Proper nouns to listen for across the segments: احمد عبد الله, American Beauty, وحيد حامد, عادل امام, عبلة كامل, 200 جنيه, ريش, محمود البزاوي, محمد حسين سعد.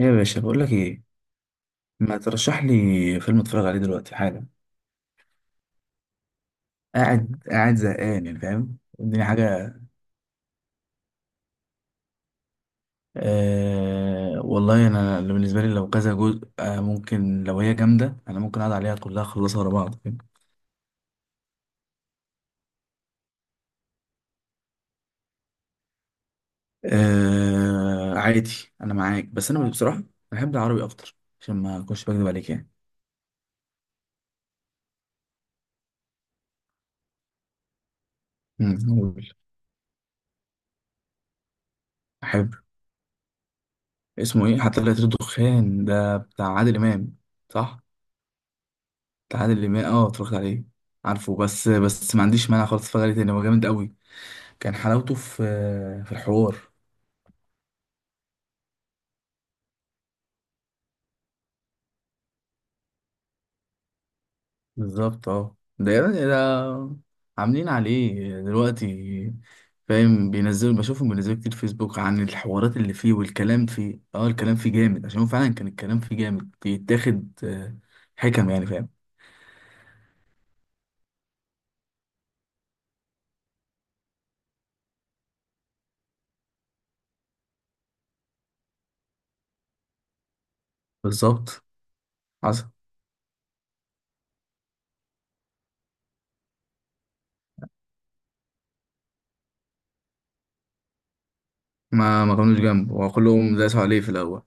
إيه يا باشا، بقول لك ايه. ما ترشح لي فيلم اتفرج عليه دلوقتي حالا؟ قاعد زهقان يعني، فاهم، اديني حاجه. آه والله، انا اللي بالنسبه لي لو كذا جزء ممكن، لو هي جامده انا ممكن اقعد عليها كلها اخلصها ورا بعض، فاهم. آه عادي. انا معاك، بس انا بصراحه بحب العربي اكتر، عشان ما اكونش بكذب عليك يعني. قول. احب. اسمه ايه؟ حتى لا يطير الدخان؟ ده بتاع عادل امام، صح؟ تعادل امام، اتفرجت عليه. عارفه، بس ما عنديش مانع خالص اتفرج عليه تاني، هو جامد قوي. كان حلاوته في الحوار. بالظبط، ده يعني، ده عاملين عليه دلوقتي. فاهم، بينزلوا، بشوفهم بينزلوا كتير فيسبوك عن الحوارات اللي فيه والكلام فيه، الكلام فيه جامد، عشان هو فعلا كان الكلام فيه جامد بيتاخد حكم يعني، فاهم. بالظبط، حصل. ما كانوش جنبه، وكلهم داسوا عليه في الاول.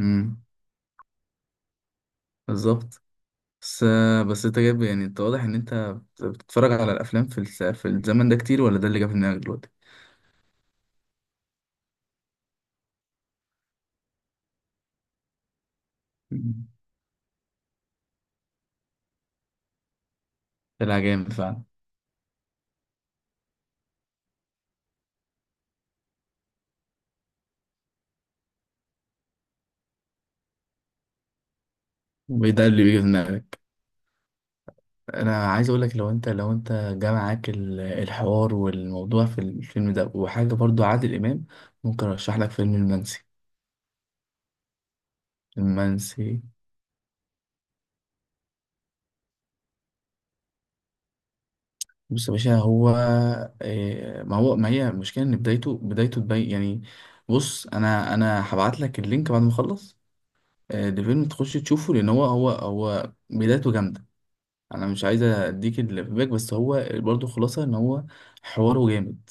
امم بالظبط. بس بس انت جايب يعني، انت واضح ان انت بتتفرج على الافلام في في الزمن ده كتير، ولا ده اللي جه في دماغك دلوقتي؟ مم. طلع جامد فعلا. وده اللي بيجي في دماغك. انا عايز اقول لك، لو انت جا معاك الحوار والموضوع في الفيلم ده، وحاجه برضو عادل امام، ممكن ارشح لك فيلم المنسي. المنسي. بص يا باشا، هو إيه، ما هي المشكله، ان بدايته تبين يعني. بص، انا هبعت لك اللينك بعد ما اخلص. ده فيلم تخش تشوفه، لان هو بدايته جامده. انا مش عايز اديك الفيدباك، بس هو برضو خلاصه ان هو حواره جامد.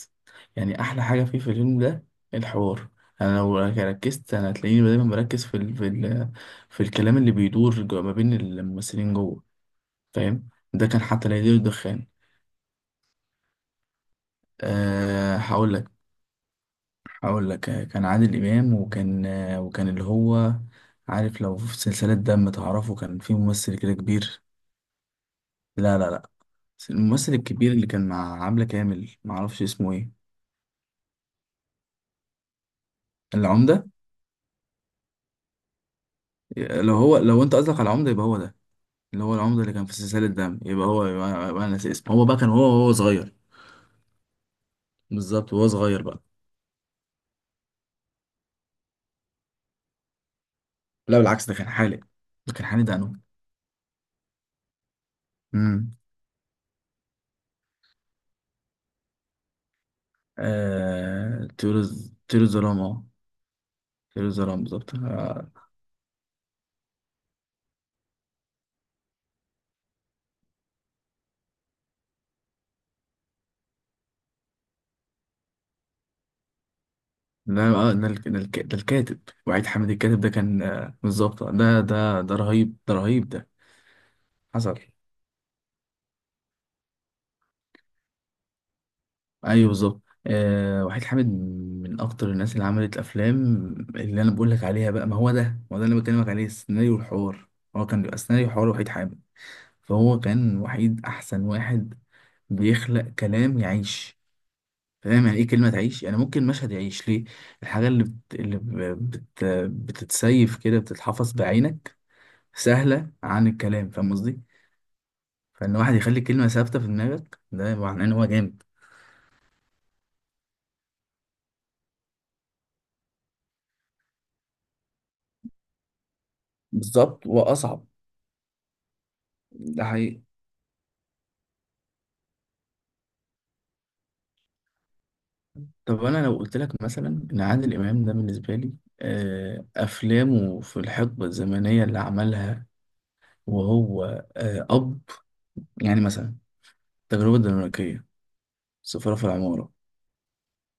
يعني احلى حاجه فيه في الفيلم ده الحوار. انا لو ركزت، انا هتلاقيني دايما مركز في في الكلام اللي بيدور ما بين الممثلين جوه، فاهم. ده كان حتى لا يدير الدخان. هقول لك. كان عادل امام، وكان اللي هو، عارف لو في سلسله دم، تعرفه، كان في ممثل كده كبير. لا لا لا، بس الممثل الكبير اللي كان مع عبلة كامل، معرفش اسمه ايه. العمدة. لو انت قصدك على العمدة يبقى هو ده، اللي هو العمدة اللي كان في سلسلة دم، يبقى أنا ناسي اسمه. هو بقى كان هو صغير. بالظبط، وهو صغير بقى. لا بالعكس، ده كان حالق، ده انو امم طيور الظلام، طيور الظلام، بالظبط ده الكاتب. وعيد حامد الكاتب ده كان بالظبط ده رهيب، ده رهيب ده. حصل. ايوه بالظبط، وحيد حامد من اكتر الناس اللي عملت افلام اللي انا بقول لك عليها بقى. ما هو ده اللي أنا بكلمك عليه، السيناريو والحوار. هو كان بيبقى سيناريو وحوار وحيد حامد. فهو كان وحيد احسن واحد بيخلق كلام يعيش. فاهم يعني ايه كلمه تعيش؟ يعني ممكن مشهد يعيش ليه. الحاجه اللي بت... اللي ب- بت... بتتسيف كده، بتتحفظ بعينك سهله عن الكلام، فاهم قصدي. فان واحد يخلي كلمه ثابته في دماغك، ده معناه ان هو جامد. بالظبط، واصعب. ده حقيقي. طب انا لو قلت لك مثلا ان عادل امام ده بالنسبه لي افلامه في الحقبه الزمنيه اللي عملها وهو آه، اب يعني مثلا التجربه الدنماركيه، سفاره في العماره،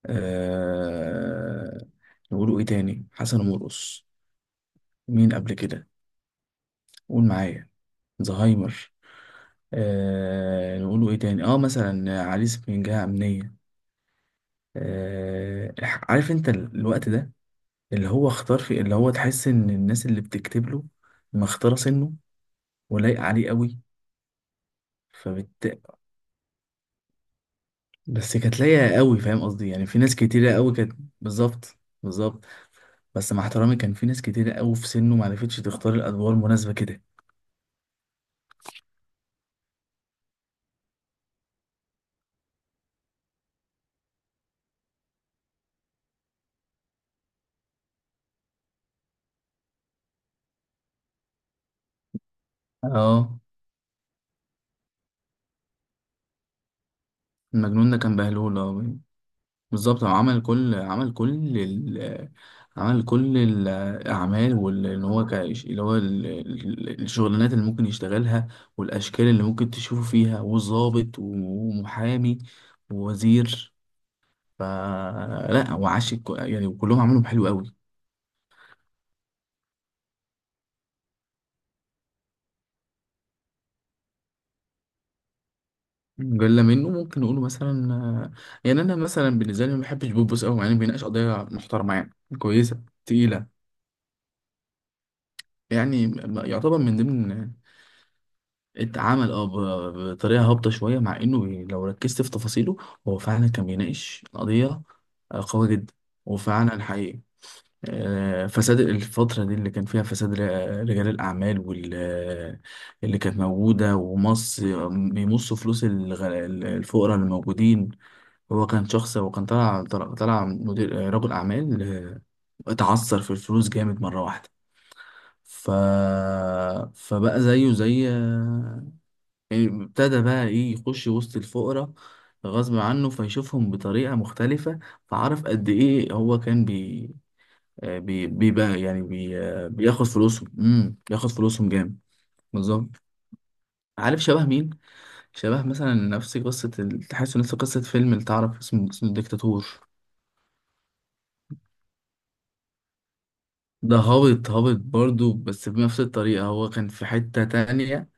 أه نقولوا ايه تاني، حسن ومرقص، مين قبل كده؟ قول معايا. زهايمر. نقولوا ايه تاني، مثلا عريس من جهه امنيه. أه عارف انت الوقت ده اللي هو اختار في، اللي هو تحس ان الناس اللي بتكتب له مختاره سنه ولايقه عليه قوي، فبت. بس كانت لايقه قوي، فاهم قصدي، يعني في ناس كتيره قوي كانت. بالظبط. بالظبط. بس مع احترامي، كان في ناس كتيره قوي في سنه ما عرفتش تختار الادوار مناسبه كده. اه. المجنون ده كان بهلول، اه. بالظبط، هو عمل كل الأعمال، واللي هو ك... اللي هو ال... ال- الشغلانات اللي ممكن يشتغلها، والأشكال اللي ممكن تشوفه فيها، وظابط ومحامي ووزير، يعني، وكلهم عملهم حلو قوي. جلة منه ممكن نقوله مثلا يعني أنا مثلا بالنسبة لي ما بحبش بوبوس قوي، يعني بيناقش قضايا محترمة، يعني كويسة تقيلة. يعني، يعتبر من ضمن. اتعمل بطريقه هابطه شويه، مع انه لو ركزت في تفاصيله هو فعلا كان بيناقش قضيه قويه جدا. وفعلا حقيقي فساد الفترة دي اللي كان فيها، فساد رجال الأعمال، واللي كانت موجودة، ومص، بيمصوا فلوس الفقراء اللي موجودين. هو كان شخص، وكان طلع مدير رجل أعمال آه،، اتعثر في الفلوس جامد مرة واحدة. ف... فبقى زيه زي، يعني ابتدى بقى ايه، يخش وسط الفقراء غصب عنه، فيشوفهم بطريقة مختلفة. فعرف قد ايه هو كان بي آه، بي بيبقى يعني بي آه، بياخد فلوسهم، بياخد فلوسهم جامد. بالظبط. عارف شبه مين؟ شبه مثلا نفس قصة تحس نفس قصة فيلم، اللي تعرف اسمه الدكتاتور. ده هابط، هابط برضو، بس بنفس الطريقة، هو كان في حتة تانية،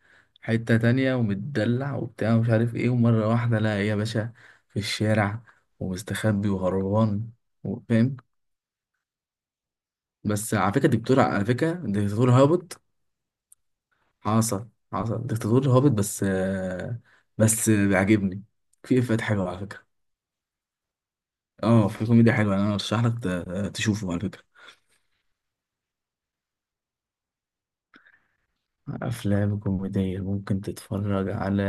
ومتدلع وبتاع ومش عارف ايه، ومرة واحدة لقى ايه يا باشا، في الشارع ومستخبي وهربان، فاهم. بس على فكرة، دكتاتور هابط. حصل دكتاتور هابط، بس بس بيعجبني، في افات حلوة على فكرة. اه في كوميديا حلوة، انا ارشح لك تشوفه على فكرة. أفلام كوميدية ممكن تتفرج على،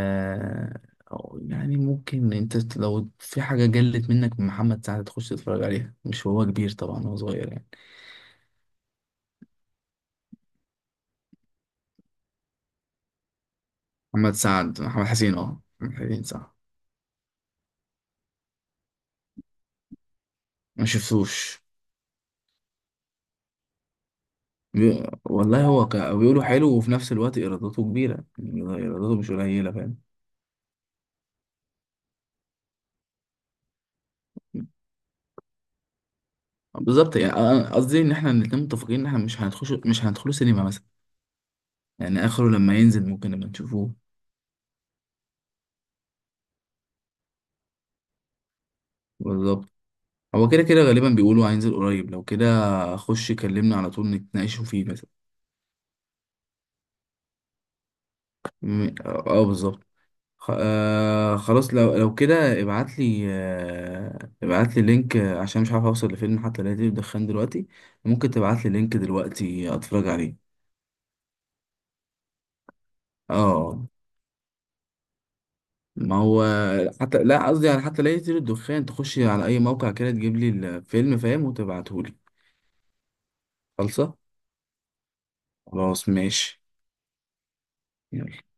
أو يعني ممكن أنت لو في حاجة جلت منك من محمد سعد تخش تتفرج عليها، مش هو كبير طبعا، هو صغير يعني. محمد سعد، محمد حسين، محمد حسين سعد. ما شفتوش. والله هو، بيقولوا حلو، وفي نفس الوقت إيراداته كبيرة، يعني إيراداته مش قليلة، فاهم. بالظبط، يعني قصدي إن إحنا الاتنين متفقين إن إحنا مش هندخله سينما مثلا. يعني آخره لما ينزل ممكن نبقى نشوفوه. بالظبط، هو كده كده غالبا بيقولوا هينزل قريب، لو كده خش كلمنا على طول نتناقشوا فيه مثلا. بالظبط. خلاص، لو كده ابعت لي، آه ابعت لي لينك عشان مش عارف اوصل لفيلم حتى لا بدخان دلوقتي، ممكن تبعت لي لينك دلوقتي اتفرج عليه. اه، ما هو، حتى لا قصدي على حتى لا يطير الدخان، تخش على اي موقع كده تجيب لي الفيلم، فاهم، وتبعته لي. خلصه. خلاص، ماشي. يلا.